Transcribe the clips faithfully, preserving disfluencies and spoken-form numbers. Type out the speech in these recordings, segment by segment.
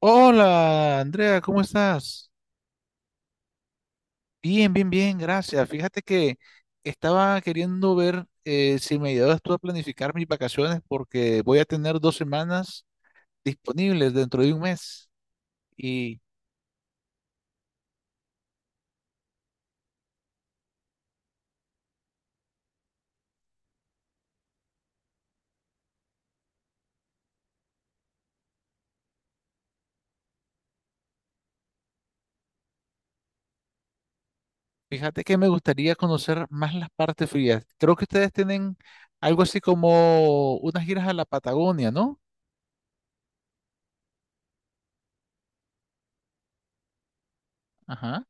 Hola, Andrea, ¿cómo estás? Bien, bien, bien, gracias. Fíjate que estaba queriendo ver eh, si me ayudas tú a planificar mis vacaciones porque voy a tener dos semanas disponibles dentro de un mes. Y fíjate que me gustaría conocer más las partes frías. Creo que ustedes tienen algo así como unas giras a la Patagonia, ¿no? Ajá,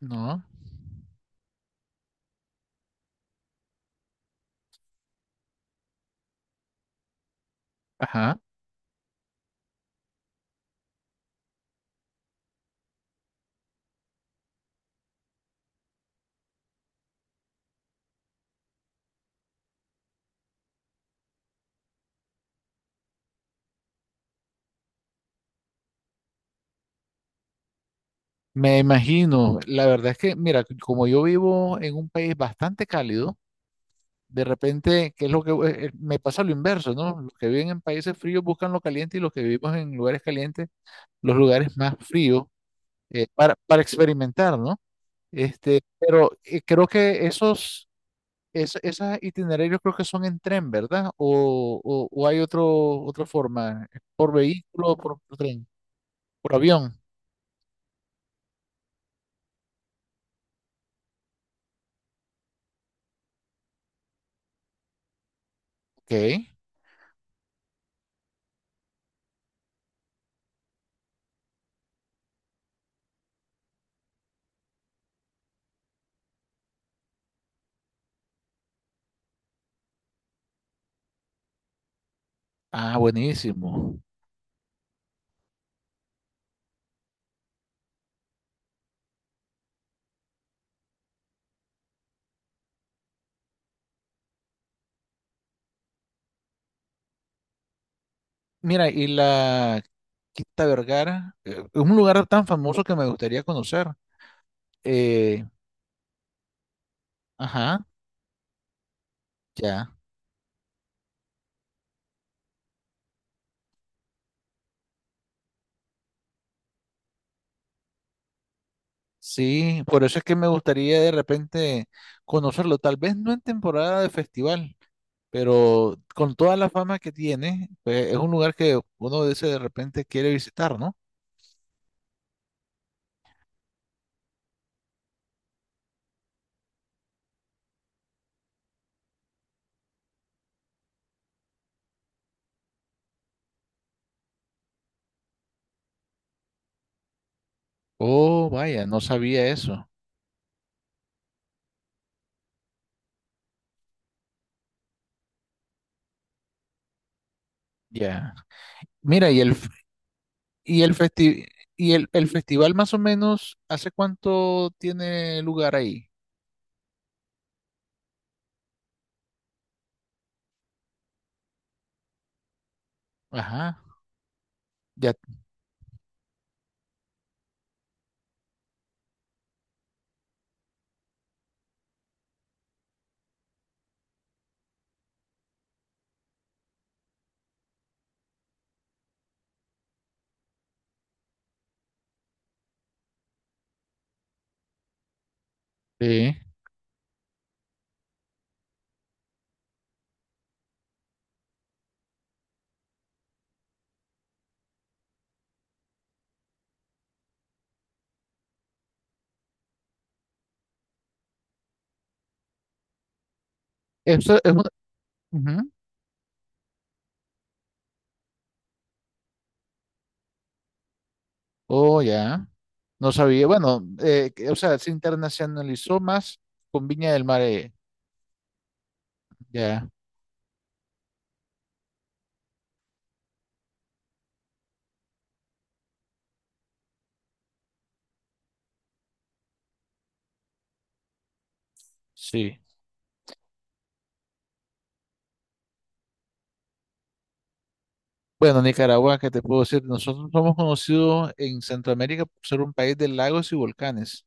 no, ajá. Me imagino. La verdad es que, mira, como yo vivo en un país bastante cálido, de repente, ¿qué es lo que eh, eh, me pasa lo inverso, ¿no? Los que viven en países fríos buscan lo caliente y los que vivimos en lugares calientes, los lugares más fríos, eh, para, para experimentar, ¿no? Este, pero eh, creo que esos, es- esos itinerarios creo que son en tren, ¿verdad? O, o- o hay otro, otra forma, por vehículo, por, por tren, por avión. Ok. Ah, buenísimo. Mira, y la Quinta Vergara, eh, es un lugar tan famoso que me gustaría conocer. Eh, Ajá, ya. Sí, por eso es que me gustaría de repente conocerlo, tal vez no en temporada de festival, pero con toda la fama que tiene, pues es un lugar que uno dice de repente quiere visitar, ¿no? Oh, vaya, no sabía eso. Ya. Mira, y el f- y el festi- y el, el festival más o menos, ¿hace cuánto tiene lugar ahí? Ajá, ya. Sí. Eso es una, ujú. Oh, ya. No sabía, bueno, eh, que- o sea, se internacionalizó más con Viña del Mar. Eh, Ya, sí. Bueno, Nicaragua, ¿qué te puedo decir? Nosotros somos conocidos en Centroamérica por ser un país de lagos y volcanes.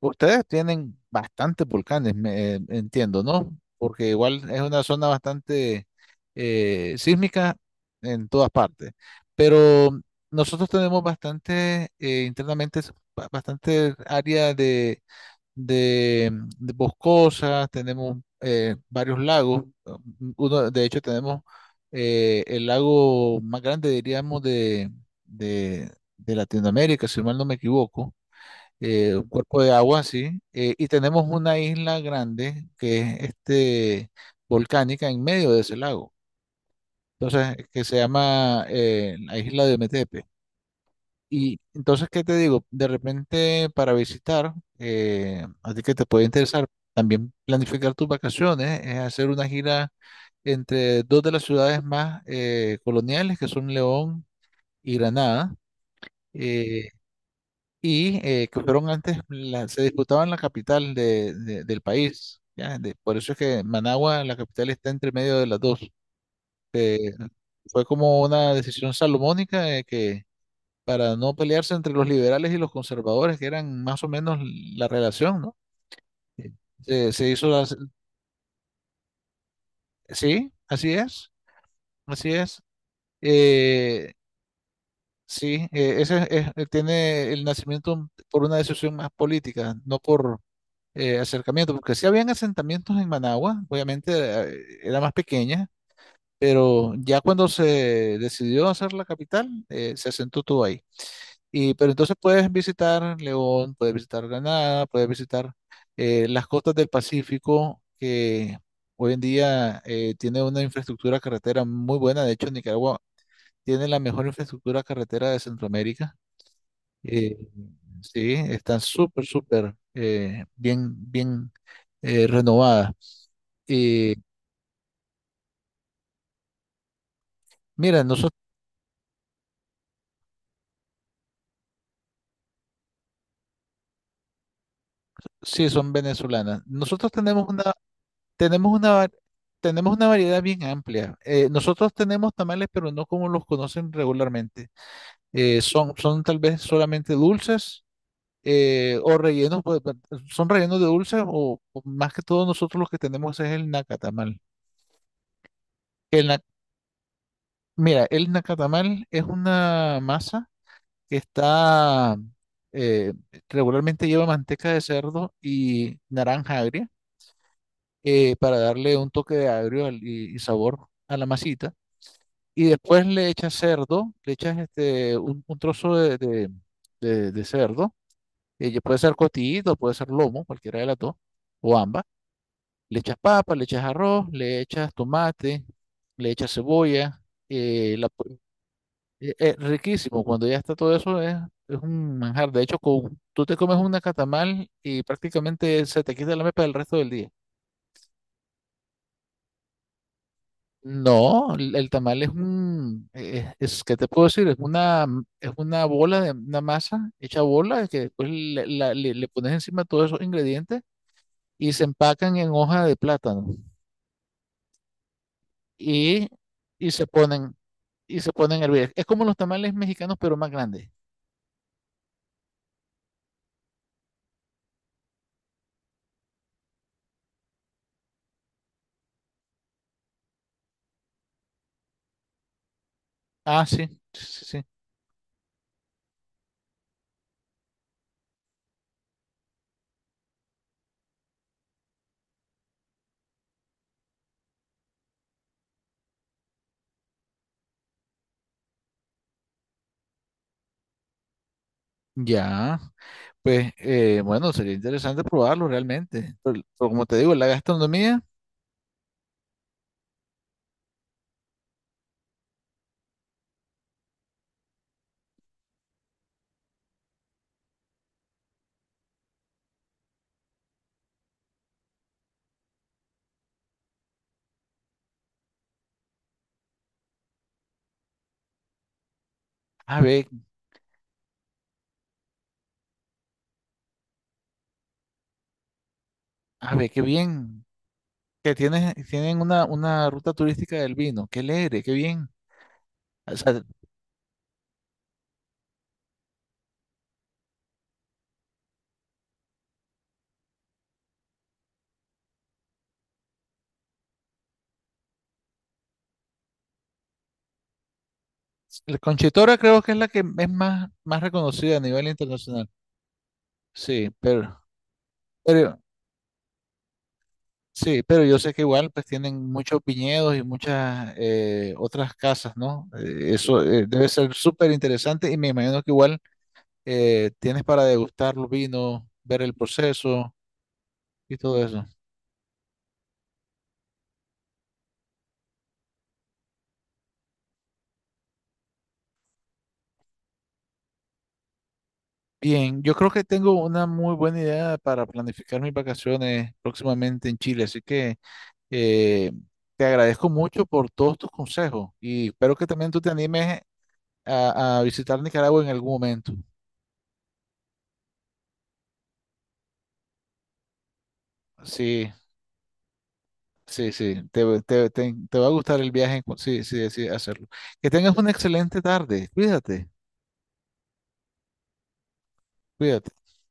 Ustedes tienen bastantes volcanes, me, eh, entiendo, ¿no? Porque igual es una zona bastante eh, sísmica en todas partes. Pero nosotros tenemos bastante, eh, internamente, es ba- bastante área de de, de boscosas, tenemos eh, varios lagos. Uno, de hecho, tenemos eh, el lago más grande, diríamos, de, de, de Latinoamérica, si mal no me equivoco. Eh, un cuerpo de agua, sí. eh, y tenemos una isla grande que es este, volcánica en medio de ese lago. Entonces, que se llama eh, la isla de Ometepe. Y entonces, ¿qué te digo? De repente para visitar, eh, a ti que te puede interesar, también planificar tus vacaciones, es hacer una gira entre dos de las ciudades más eh, coloniales, que son León y Granada, eh, y eh, que fueron antes, la- se disputaban la capital de- de- del país, ¿ya? De- por eso es que Managua, la capital, está entre medio de las dos. Eh, fue como una decisión salomónica de que para no pelearse entre los liberales y los conservadores, que eran más o menos la relación, ¿no? Sí. Se, se hizo, la- sí, así es, así es. Eh, sí, eh, ese es- es- tiene el nacimiento por una decisión más política, no por eh, acercamiento, porque sí habían asentamientos en Managua, obviamente, eh, era más pequeña, pero ya cuando se decidió hacer la capital, eh, se asentó todo. Y, pero entonces puedes visitar León, puedes visitar Granada, puedes visitar eh, las costas del Pacífico, que hoy en día eh, tiene una infraestructura carretera muy buena. De hecho, Nicaragua tiene la mejor infraestructura carretera de Centroamérica. Eh, sí, están súper, súper, eh, bien, bien, eh, renovadas. Y mira, nosotros, sí, son venezolanas. Nosotros tenemos una, Tenemos una, va- tenemos una variedad bien amplia. Eh, nosotros tenemos tamales, pero no como los conocen regularmente. Eh, son, son tal vez solamente dulces, eh, o rellenos, pues, pa- son rellenos de dulces, o, o más que todo nosotros los que tenemos es el nacatamal. El na- Mira, el nacatamal es una masa que está, eh, regularmente lleva manteca de cerdo y naranja agria eh, para darle un toque de agrio al- y y sabor a la masita. Y después le echas cerdo, le echas este, un, un trozo de, de- de- de cerdo, eh, puede ser cotillito, puede ser lomo, cualquiera de las dos, o ambas. Le echas papa, le echas arroz, le echas tomate, le echas cebolla. eh, la pu- eh, eh, riquísimo, cuando ya está todo eso, es, es un manjar. De hecho, con- tú te comes una catamal y prácticamente se te quita la mepa del resto del día. No, el el tamal es un, eh, es, ¿qué te puedo decir? Es una, es una bola de una masa hecha bola que después le, la- le- le pones encima todos esos ingredientes y se empacan en hoja de plátano y, y se ponen y se ponen a hervir. Es como los tamales mexicanos pero más grandes. Ah, sí, sí, sí. Ya, pues eh, bueno, sería interesante probarlo realmente. Pero, pero como te digo, la gastronomía, a ver, a ver, qué bien. Que tienen, tienen una, una ruta turística del vino. Qué alegre, qué bien. O sea, la Conchetora creo que es la que es más, más reconocida a nivel internacional. Sí, pero, pero sí, pero yo sé que igual pues tienen muchos viñedos y muchas eh, otras casas, ¿no? Eh, eso eh, debe ser súper interesante y me imagino que igual eh, tienes para degustar los vinos, ver el proceso y todo eso. Bien, yo creo que tengo una muy buena idea para planificar mis vacaciones próximamente en Chile, así que Eh, te agradezco mucho por todos tus consejos y espero que también tú te animes a, a visitar Nicaragua en algún momento. Sí, sí, sí, te, va- te- te- te va a gustar el viaje en cu- sí, sí decides hacerlo. Que tengas una excelente tarde. Cuídate, cuídate.